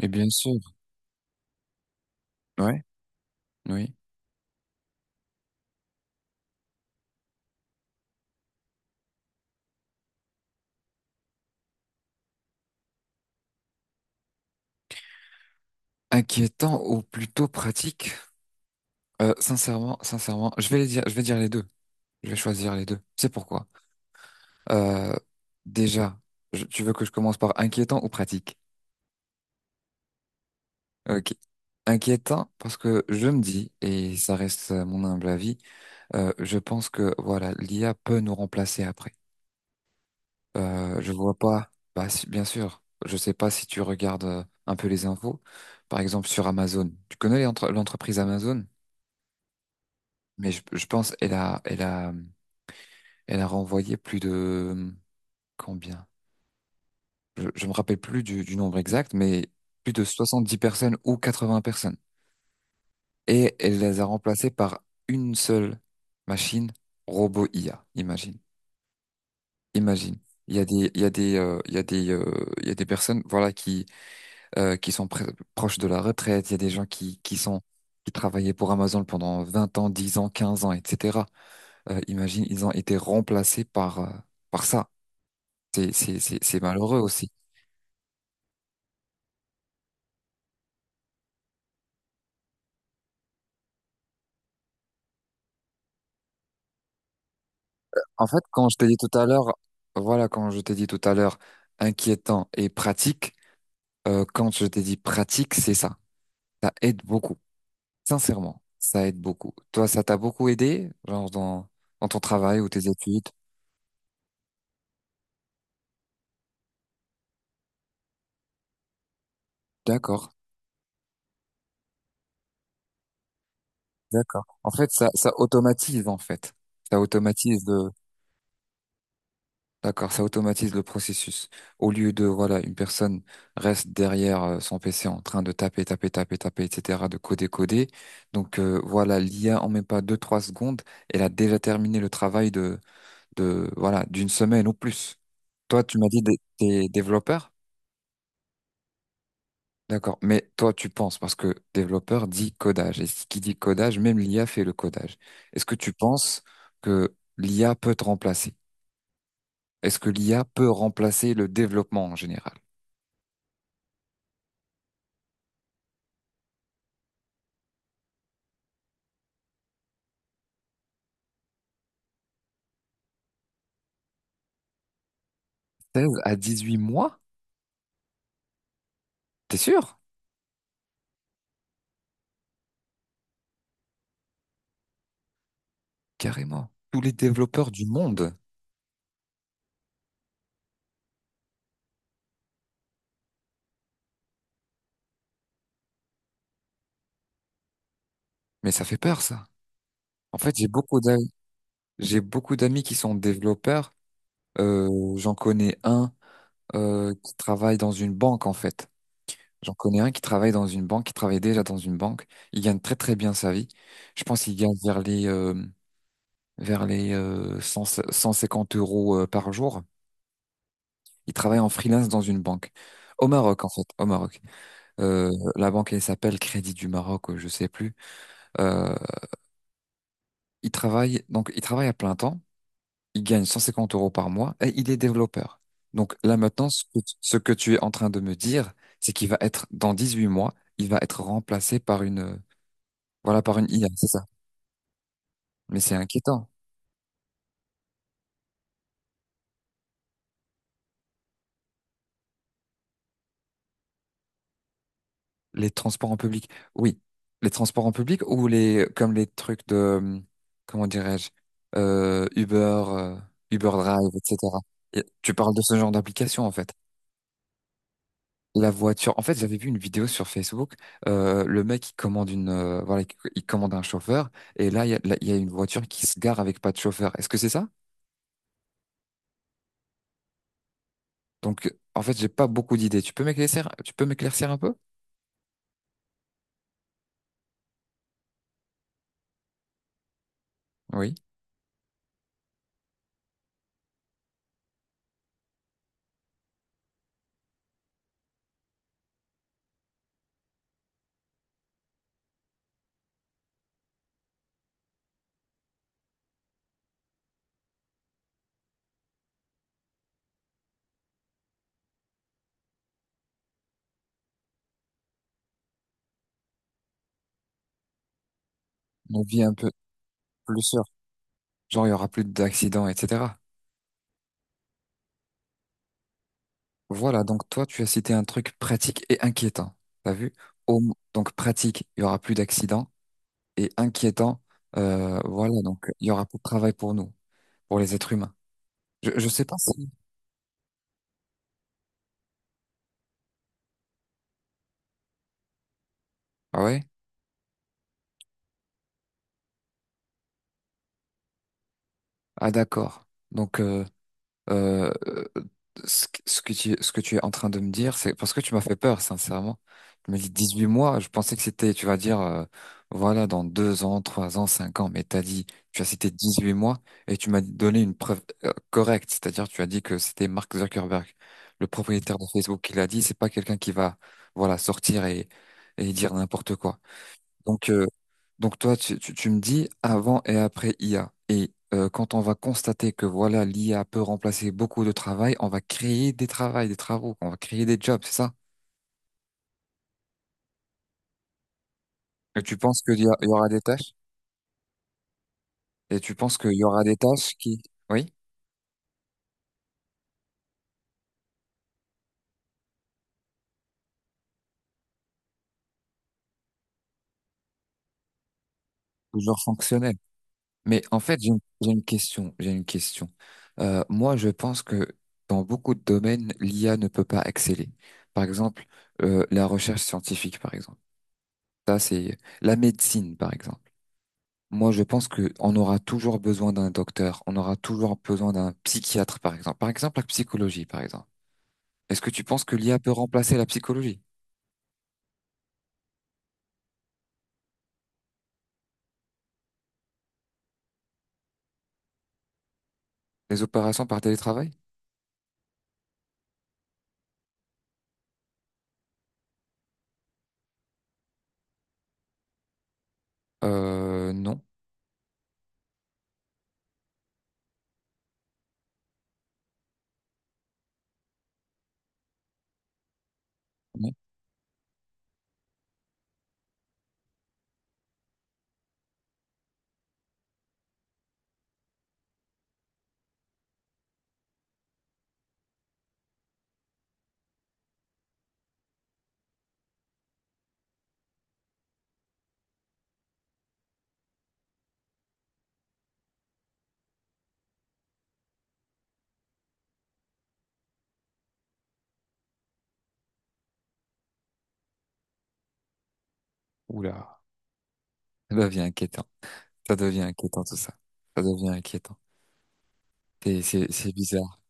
Mais bien sûr, ouais, oui. Inquiétant ou plutôt pratique? Sincèrement, sincèrement, je vais les dire, je vais dire les deux. Je vais choisir les deux. C'est pourquoi. Euh, déjà, tu veux que je commence par inquiétant ou pratique? Ok. Inquiétant parce que je me dis, et ça reste mon humble avis, je pense que voilà, l'IA peut nous remplacer après. Je vois pas. Bah, bien sûr. Je sais pas si tu regardes un peu les infos. Par exemple, sur Amazon. Tu connais l'entreprise Amazon? Mais je pense elle a renvoyé plus de combien? Je me rappelle plus du nombre exact, mais plus de soixante dix personnes ou 80 personnes. Et elle les a remplacées par une seule machine robot IA. Imagine, imagine. Il y a des il y a des il y a des il y a des personnes voilà qui sont proches de la retraite. Il y a des gens qui sont qui travaillaient pour Amazon pendant 20 ans, 10 ans, 15 ans, etc. Imagine, ils ont été remplacés par par ça. C'est malheureux aussi. En fait, quand je t'ai dit tout à l'heure, voilà, quand je t'ai dit tout à l'heure, inquiétant et pratique, quand je t'ai dit pratique, c'est ça. Ça aide beaucoup. Sincèrement, ça aide beaucoup. Toi, ça t'a beaucoup aidé, dans ton travail ou tes études. D'accord, d'accord. En fait, ça automatise, en fait. Ça automatise d'accord, ça automatise le processus. Au lieu de, voilà, une personne reste derrière son PC en train de taper, taper, taper, taper, etc., de coder, coder. Donc voilà, l'IA en met pas deux, trois secondes, elle a déjà terminé le travail de voilà, d'une semaine ou plus. Toi, tu m'as dit des développeurs? D'accord, mais toi, tu penses, parce que développeur dit codage, et ce qui dit codage, même l'IA fait le codage. Est-ce que tu penses que l'IA peut te remplacer? Est-ce que l'IA peut remplacer le développement en général? 16 à 18 mois? T'es sûr? Carrément. Tous les développeurs du monde. Mais ça fait peur, ça. En fait, j'ai beaucoup d'amis qui sont développeurs. J'en connais un qui travaille dans une banque, en fait. J'en connais un qui travaille dans une banque, qui travaille déjà dans une banque. Il gagne très très bien sa vie. Je pense qu'il gagne vers les 100 150 euros par jour. Il travaille en freelance dans une banque. Au Maroc, en fait, au Maroc. Euh, la banque, elle s'appelle Crédit du Maroc, je sais plus. Euh, il travaille à plein temps, il gagne 150 euros par mois et il est développeur. Donc là maintenant, ce que tu es en train de me dire, c'est qu'il va être dans 18 mois, il va être remplacé par une voilà par une IA, c'est ça. Mais c'est inquiétant. Les transports en public, oui, les transports en public ou les comme les trucs de comment dirais-je Uber, euh, Uber Drive, etc. Et tu parles de ce genre d'application en fait. La voiture. En fait, j'avais vu une vidéo sur Facebook. Le mec, il commande une, voilà, il commande un chauffeur. Et là, là, il y a une voiture qui se gare avec pas de chauffeur. Est-ce que c'est ça? Donc, en fait, j'ai pas beaucoup d'idées. Tu peux m'éclaircir un peu? Oui. Une vie un peu plus sûre. Genre, il y aura plus d'accidents, etc. Voilà. Donc, toi, tu as cité un truc pratique et inquiétant. T'as vu? Au- donc, pratique, il y aura plus d'accidents. Et inquiétant, voilà. Donc, il y aura plus de travail pour nous, pour les êtres humains. Je sais pas si. Ah ouais. Ah d'accord. Donc euh, euh, ce que tu es en train de me dire, c'est parce que tu m'as fait peur, sincèrement. Tu me dis 18 mois, je pensais que c'était, tu vas dire, voilà, dans 2 ans, 3 ans, 5 ans, mais t'as dit, tu as cité 18 mois et tu m'as donné une preuve correcte, c'est-à-dire tu as dit que c'était Mark Zuckerberg, le propriétaire de Facebook, qui l'a dit, c'est pas quelqu'un qui va, voilà, sortir et dire n'importe quoi. Donc euh, donc toi, tu me dis avant et après IA. Et quand on va constater que voilà, l'IA peut remplacer beaucoup de travail, on va créer des travails, des travaux, on va créer des jobs, c'est ça? Et tu penses il y aura des tâches? Et tu penses qu'il y aura des tâches qui, oui, toujours fonctionnelles. Mais en fait, j'ai une question, j'ai une question. Moi, je pense que dans beaucoup de domaines, l'IA ne peut pas exceller. Par exemple, la recherche scientifique, par exemple. Ça, c'est la médecine, par exemple. Moi, je pense que on aura toujours besoin d'un docteur, on aura toujours besoin d'un psychiatre, par exemple. Par exemple, la psychologie, par exemple. Est-ce que tu penses que l'IA peut remplacer la psychologie? Les opérations par télétravail? Non. Non. Oula. Ça devient inquiétant. Ça devient inquiétant, tout ça. Ça devient inquiétant. C'est bizarre.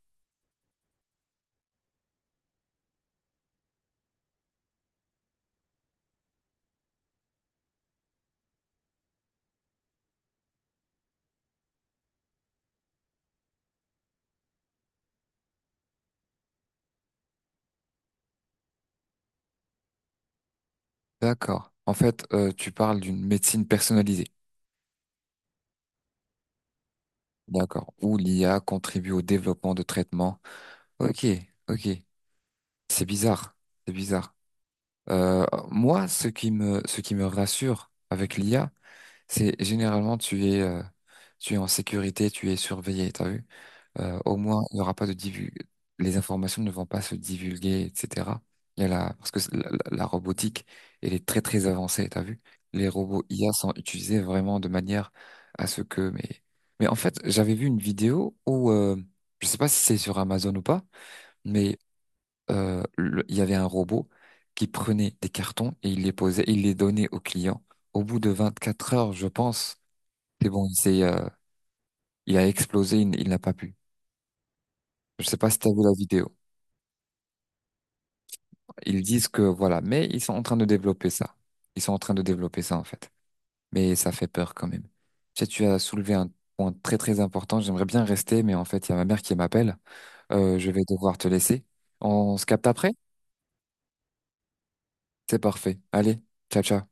D'accord. En fait, tu parles d'une médecine personnalisée. D'accord. Où l'IA contribue au développement de traitements. Ok, ok. C'est bizarre. C'est bizarre. Moi, ce qui me rassure avec l'IA, c'est généralement tu es en sécurité, tu es surveillé, t'as vu? Au moins, il n'y aura pas de divulg... Les informations ne vont pas se divulguer, etc. Il y a la... Parce que la robotique, elle est très très avancée, t'as vu? Les robots IA sont utilisés vraiment de manière à ce que... mais en fait, j'avais vu une vidéo où, je sais pas si c'est sur Amazon ou pas, mais il y avait un robot qui prenait des cartons et il les posait, il les donnait aux clients. Au bout de 24 heures, je pense, c'est bon, il a explosé, il n'a pas pu. Je sais pas si tu as vu la vidéo. Ils disent que voilà, mais ils sont en train de développer ça. Ils sont en train de développer ça en fait. Mais ça fait peur quand même. Tu sais, tu as soulevé un point très très important. J'aimerais bien rester, mais en fait, il y a ma mère qui m'appelle. Je vais devoir te laisser. On se capte après? C'est parfait. Allez, ciao ciao.